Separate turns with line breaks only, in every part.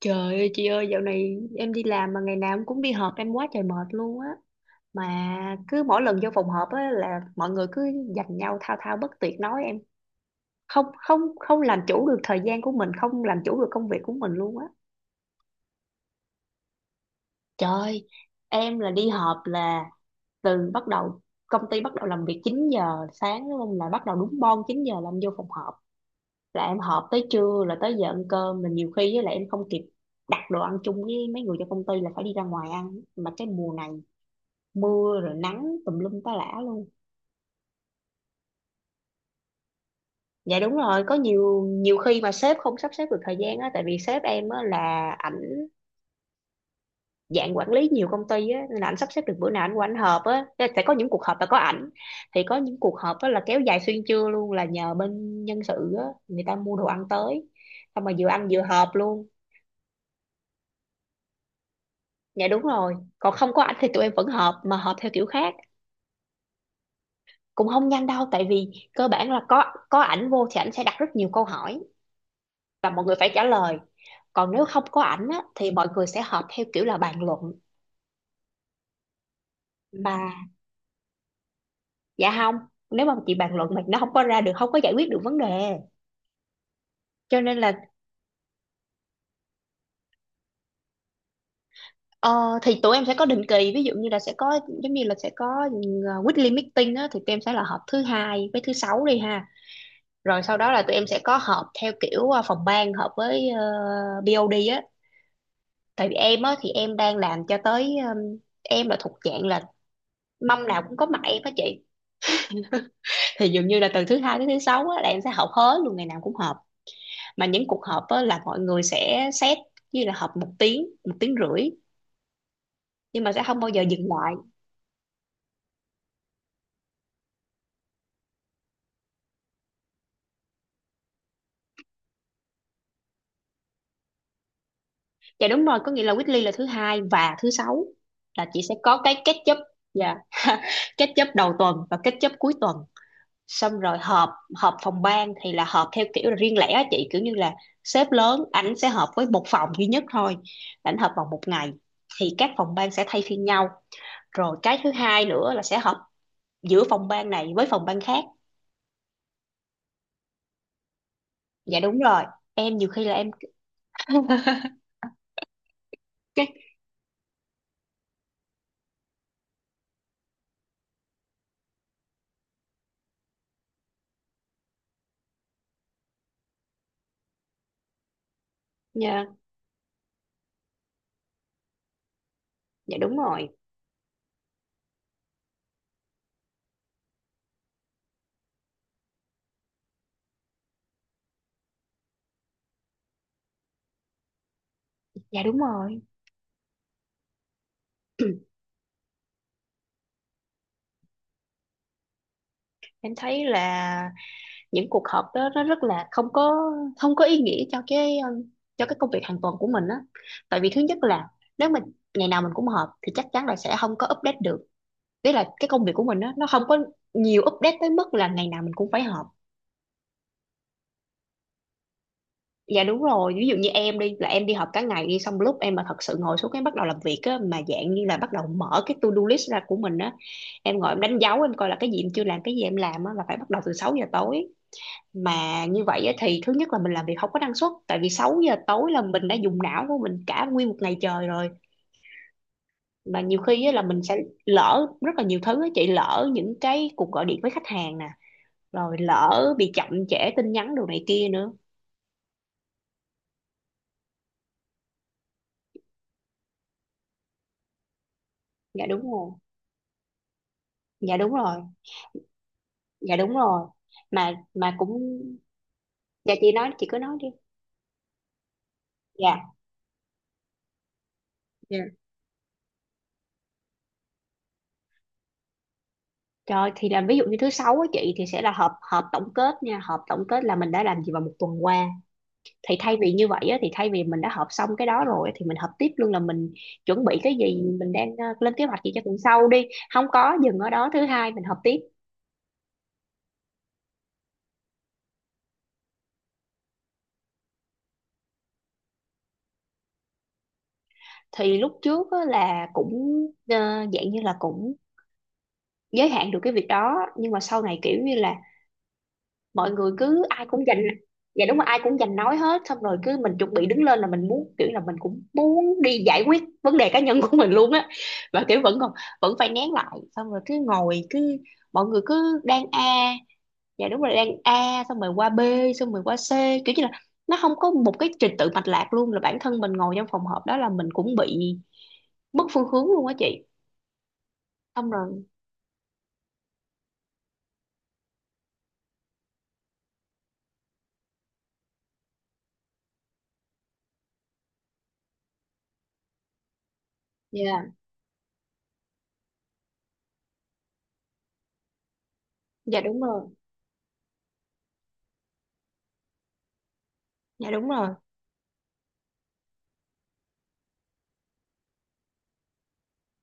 Trời ơi chị ơi, dạo này em đi làm mà ngày nào em cũng đi họp, em quá trời mệt luôn á. Mà cứ mỗi lần vô phòng họp á là mọi người cứ giành nhau thao thao bất tuyệt nói em không không không làm chủ được thời gian của mình, không làm chủ được công việc của mình luôn á. Trời, em là đi họp là từ bắt đầu công ty bắt đầu làm việc 9 giờ sáng luôn, là bắt đầu đúng bon 9 giờ là em vô phòng họp, là em họp tới trưa, là tới giờ ăn cơm là nhiều khi với lại em không kịp đặt đồ ăn chung với mấy người trong công ty, là phải đi ra ngoài ăn. Mà cái mùa này mưa rồi nắng tùm lum tá lả luôn. Dạ đúng rồi, có nhiều nhiều khi mà sếp không sắp xếp được thời gian á, tại vì sếp em á là ảnh dạng quản lý nhiều công ty á, nên là ảnh sắp xếp được bữa nào ảnh qua ảnh họp á. Thế sẽ có những cuộc họp là có ảnh, thì có những cuộc họp á là kéo dài xuyên trưa luôn, là nhờ bên nhân sự á người ta mua đồ ăn tới, xong mà vừa ăn vừa họp luôn. Dạ đúng rồi, còn không có ảnh thì tụi em vẫn họp, mà họp theo kiểu khác. Cũng không nhanh đâu, tại vì cơ bản là có ảnh vô thì ảnh sẽ đặt rất nhiều câu hỏi, và mọi người phải trả lời. Còn nếu không có ảnh á, thì mọi người sẽ họp theo kiểu là bàn luận. mà dạ không, nếu mà chị bàn luận mà nó không có ra được, không có giải quyết được vấn đề, cho nên là ờ, thì tụi em sẽ có định kỳ, ví dụ như là sẽ có giống như là sẽ có ừ, weekly meeting á, thì tụi em sẽ là họp thứ hai với thứ sáu đi ha. Rồi sau đó là tụi em sẽ có họp theo kiểu phòng ban họp với BOD á. Tại vì em á thì em đang làm cho tới em là thuộc dạng là mâm nào cũng có mặt em á chị, thì dường như là từ thứ hai tới thứ sáu á là em sẽ họp hết luôn, ngày nào cũng họp. Mà những cuộc họp á, là mọi người sẽ set như là họp một tiếng, một tiếng rưỡi, nhưng mà sẽ không bao giờ dừng lại. Dạ đúng rồi, có nghĩa là weekly là thứ hai và thứ sáu, là chị sẽ có cái catch up. Dạ. Catch up đầu tuần và catch up cuối tuần, xong rồi họp. Họp phòng ban thì là họp theo kiểu là riêng lẻ á chị, kiểu như là sếp lớn ảnh sẽ họp với một phòng duy nhất thôi, ảnh họp vào một ngày, thì các phòng ban sẽ thay phiên nhau. Rồi cái thứ hai nữa là sẽ họp giữa phòng ban này với phòng ban khác. Dạ đúng rồi, em nhiều khi là em. Cái, dạ, dạ đúng rồi, dạ đúng rồi. Em thấy là những cuộc họp đó nó rất là không có, không có ý nghĩa cho cái công việc hàng tuần của mình á. Tại vì thứ nhất là nếu mình ngày nào mình cũng họp thì chắc chắn là sẽ không có update được. Tức là cái công việc của mình á nó không có nhiều update tới mức là ngày nào mình cũng phải họp. Dạ đúng rồi, ví dụ như em đi là em đi họp cả ngày đi, xong lúc em mà thật sự ngồi xuống cái bắt đầu làm việc á, mà dạng như là bắt đầu mở cái to-do list ra của mình á, em ngồi em đánh dấu em coi là cái gì em chưa làm, cái gì em làm á, là phải bắt đầu từ 6 giờ tối. Mà như vậy á, thì thứ nhất là mình làm việc không có năng suất, tại vì 6 giờ tối là mình đã dùng não của mình cả nguyên một ngày trời rồi. Mà nhiều khi á, là mình sẽ lỡ rất là nhiều thứ á chị, lỡ những cái cuộc gọi điện với khách hàng nè, rồi lỡ bị chậm trễ tin nhắn đồ này kia nữa. Dạ đúng rồi, dạ đúng rồi, dạ đúng rồi. Mà cũng, dạ chị nói, chị cứ nói đi. Dạ. Dạ. Trời, thì là ví dụ như thứ sáu á chị thì sẽ là họp, họp tổng kết nha, họp tổng kết là mình đã làm gì vào một tuần qua. Thì thay vì như vậy á, thì thay vì mình đã họp xong cái đó rồi thì mình họp tiếp luôn là mình chuẩn bị cái gì, mình đang lên kế hoạch gì cho tuần sau đi. Không có dừng ở đó, thứ hai mình họp tiếp. Thì lúc trước á là cũng ờ, dạng như là cũng giới hạn được cái việc đó, nhưng mà sau này kiểu như là mọi người cứ ai cũng dành. Dạ đúng rồi, ai cũng dành nói hết, xong rồi cứ mình chuẩn bị đứng lên là mình muốn, kiểu là mình cũng muốn đi giải quyết vấn đề cá nhân của mình luôn á, và kiểu vẫn còn, vẫn phải nén lại, xong rồi cứ ngồi cứ mọi người cứ đang a. Dạ đúng rồi, đang a xong rồi qua b, xong rồi qua c, kiểu như là nó không có một cái trình tự mạch lạc luôn, là bản thân mình ngồi trong phòng họp đó là mình cũng bị mất phương hướng luôn á chị. Xong rồi dạ, dạ đúng rồi, dạ đúng rồi,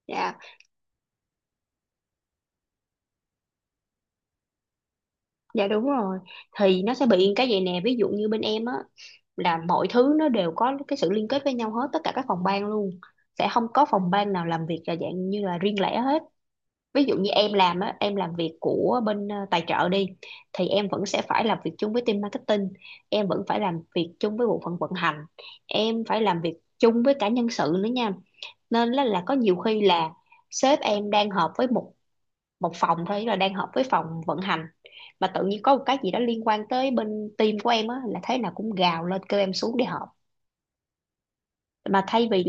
dạ. Dạ đúng rồi, thì nó sẽ bị cái vậy nè, ví dụ như bên em á là mọi thứ nó đều có cái sự liên kết với nhau hết, tất cả các phòng ban luôn, sẽ không có phòng ban nào làm việc là dạng như là riêng lẻ hết. Ví dụ như em làm á, em làm việc của bên tài trợ đi, thì em vẫn sẽ phải làm việc chung với team marketing, em vẫn phải làm việc chung với bộ phận vận hành, em phải làm việc chung với cả nhân sự nữa nha. Nên là có nhiều khi là sếp em đang họp với một một phòng thôi, là đang hợp với phòng vận hành, mà tự nhiên có một cái gì đó liên quan tới bên team của em á là thế nào cũng gào lên kêu em xuống để họp. Mà thay vì,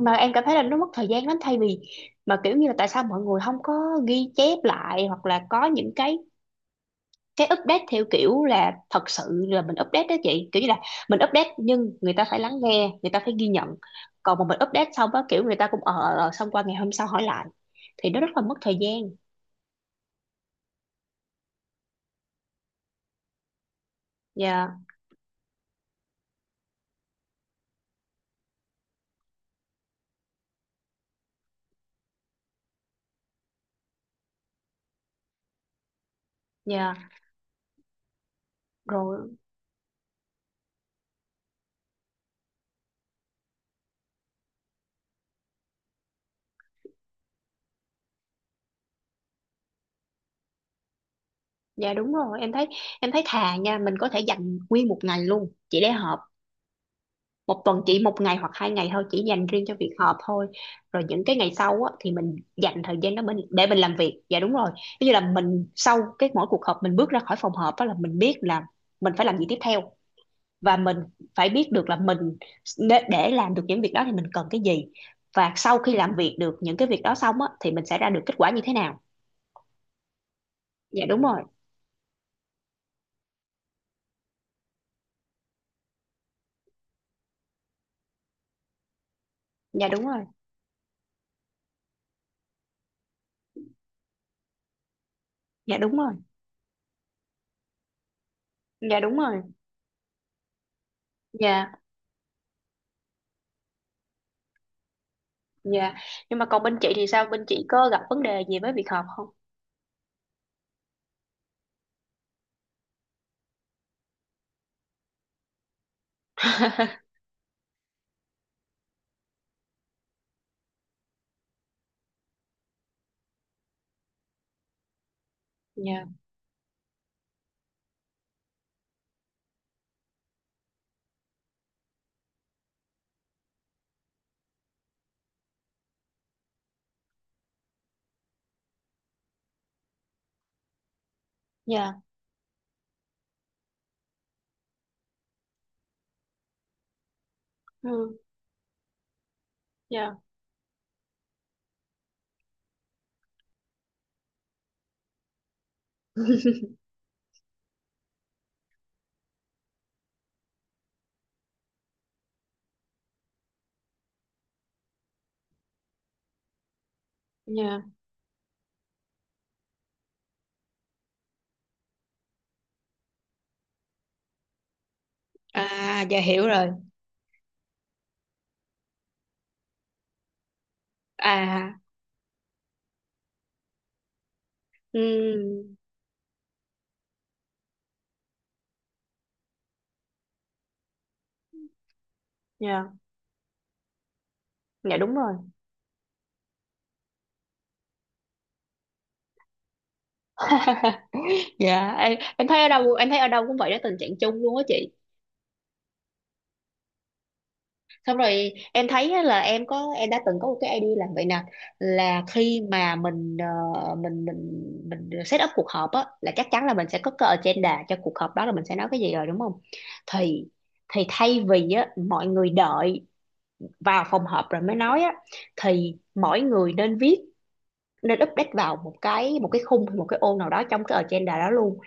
mà em cảm thấy là nó mất thời gian lắm, thay vì mà kiểu như là tại sao mọi người không có ghi chép lại, hoặc là có những cái update theo kiểu là thật sự là mình update đó chị, kiểu như là mình update nhưng người ta phải lắng nghe, người ta phải ghi nhận. Còn mà mình update xong á kiểu người ta cũng xong qua ngày hôm sau hỏi lại, thì nó rất là mất thời gian. Dạ, dạ rồi. Dạ đúng rồi, em thấy, em thấy thà nha, mình có thể dành nguyên một ngày luôn chỉ để họp. Một tuần chỉ một ngày hoặc hai ngày thôi, chỉ dành riêng cho việc họp thôi. Rồi những cái ngày sau á, thì mình dành thời gian đó mình để mình làm việc. Dạ đúng rồi. Ví dụ là mình sau cái mỗi cuộc họp mình bước ra khỏi phòng họp á là mình biết là mình phải làm gì tiếp theo, và mình phải biết được là mình, để làm được những việc đó thì mình cần cái gì. Và sau khi làm việc được những cái việc đó xong á thì mình sẽ ra được kết quả như thế nào. Dạ đúng rồi. Dạ đúng rồi. Dạ đúng rồi. Dạ đúng rồi. Dạ đúng rồi. Dạ. Dạ. Nhưng mà còn bên chị thì sao? Bên chị có gặp vấn đề gì với việc học không? Dạ, dạ, ừ. Dạ. Dạ. À, dạ hiểu rồi. À, ừ, dạ. Dạ đúng rồi. Dạ, em thấy ở đâu, em thấy ở đâu cũng vậy đó, tình trạng chung luôn á chị. Xong rồi em thấy á là em có, em đã từng có một cái idea là vậy nè, là khi mà mình mình set up cuộc họp á là chắc chắn là mình sẽ có cái agenda cho cuộc họp đó, là mình sẽ nói cái gì rồi đúng không. Thì thì thay vì á mọi người đợi vào phòng họp rồi mới nói á, thì mỗi người nên viết, nên update vào một cái khung, một cái ô nào đó trong cái agenda đó luôn.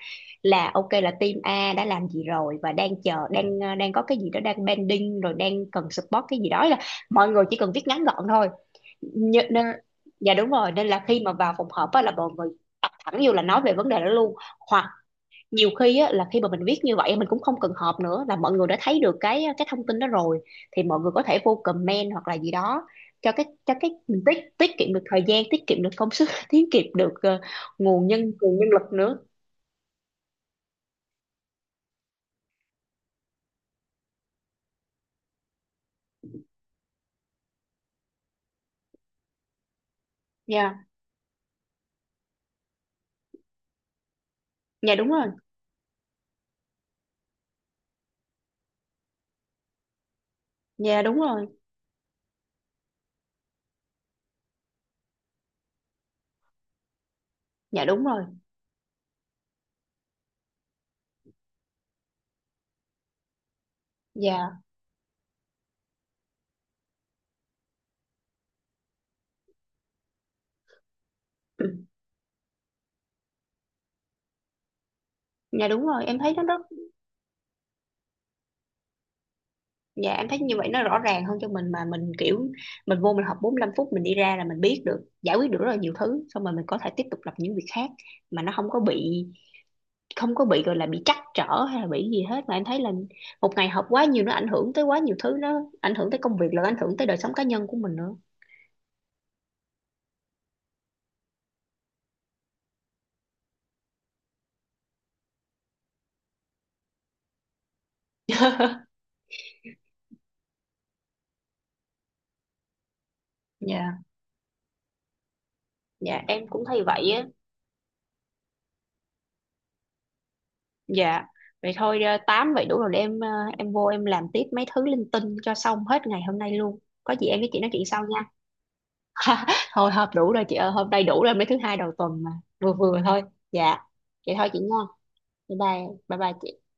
Là ok là team A đã làm gì rồi, và đang chờ, đang đang có cái gì đó đang pending, rồi đang cần support cái gì đó, là mọi người chỉ cần viết ngắn gọn thôi. Nhớ- nên, dạ đúng rồi, nên là khi mà vào phòng họp á là mọi người tập thẳng vô là nói về vấn đề đó luôn. Hoặc nhiều khi á, là khi mà mình viết như vậy mình cũng không cần họp nữa, là mọi người đã thấy được cái thông tin đó rồi, thì mọi người có thể vô comment hoặc là gì đó cho cái, cho cái mình tiết tiết kiệm được thời gian, tiết kiệm được công sức, tiết kiệm được nguồn nhân lực nữa. Dạ, dạ đúng rồi, dạ đúng rồi, dạ đúng rồi, dạ. Ừ. Dạ đúng rồi, em thấy nó rất. Dạ, em thấy như vậy nó rõ ràng hơn cho mình, mà mình kiểu mình vô mình học 45 phút mình đi ra là mình biết được, giải quyết được rất là nhiều thứ, xong rồi mình có thể tiếp tục làm những việc khác, mà nó không có bị, không có bị gọi là bị trắc trở hay là bị gì hết. Mà em thấy là một ngày học quá nhiều nó ảnh hưởng tới quá nhiều thứ, nó ảnh hưởng tới công việc, là ảnh hưởng tới đời sống cá nhân của mình nữa. Dạ. Dạ em cũng thấy vậy á. Dạ vậy thôi, tám vậy đủ rồi, để em em vô em làm tiếp mấy thứ linh tinh cho xong hết ngày hôm nay luôn, có gì em với chị nói chuyện sau nha. Thôi hợp đủ rồi chị ơi, hôm nay đủ rồi, mấy thứ hai đầu tuần mà, vừa vừa thôi. Dạ vậy thôi chị nha, bye bye, bye bye chị.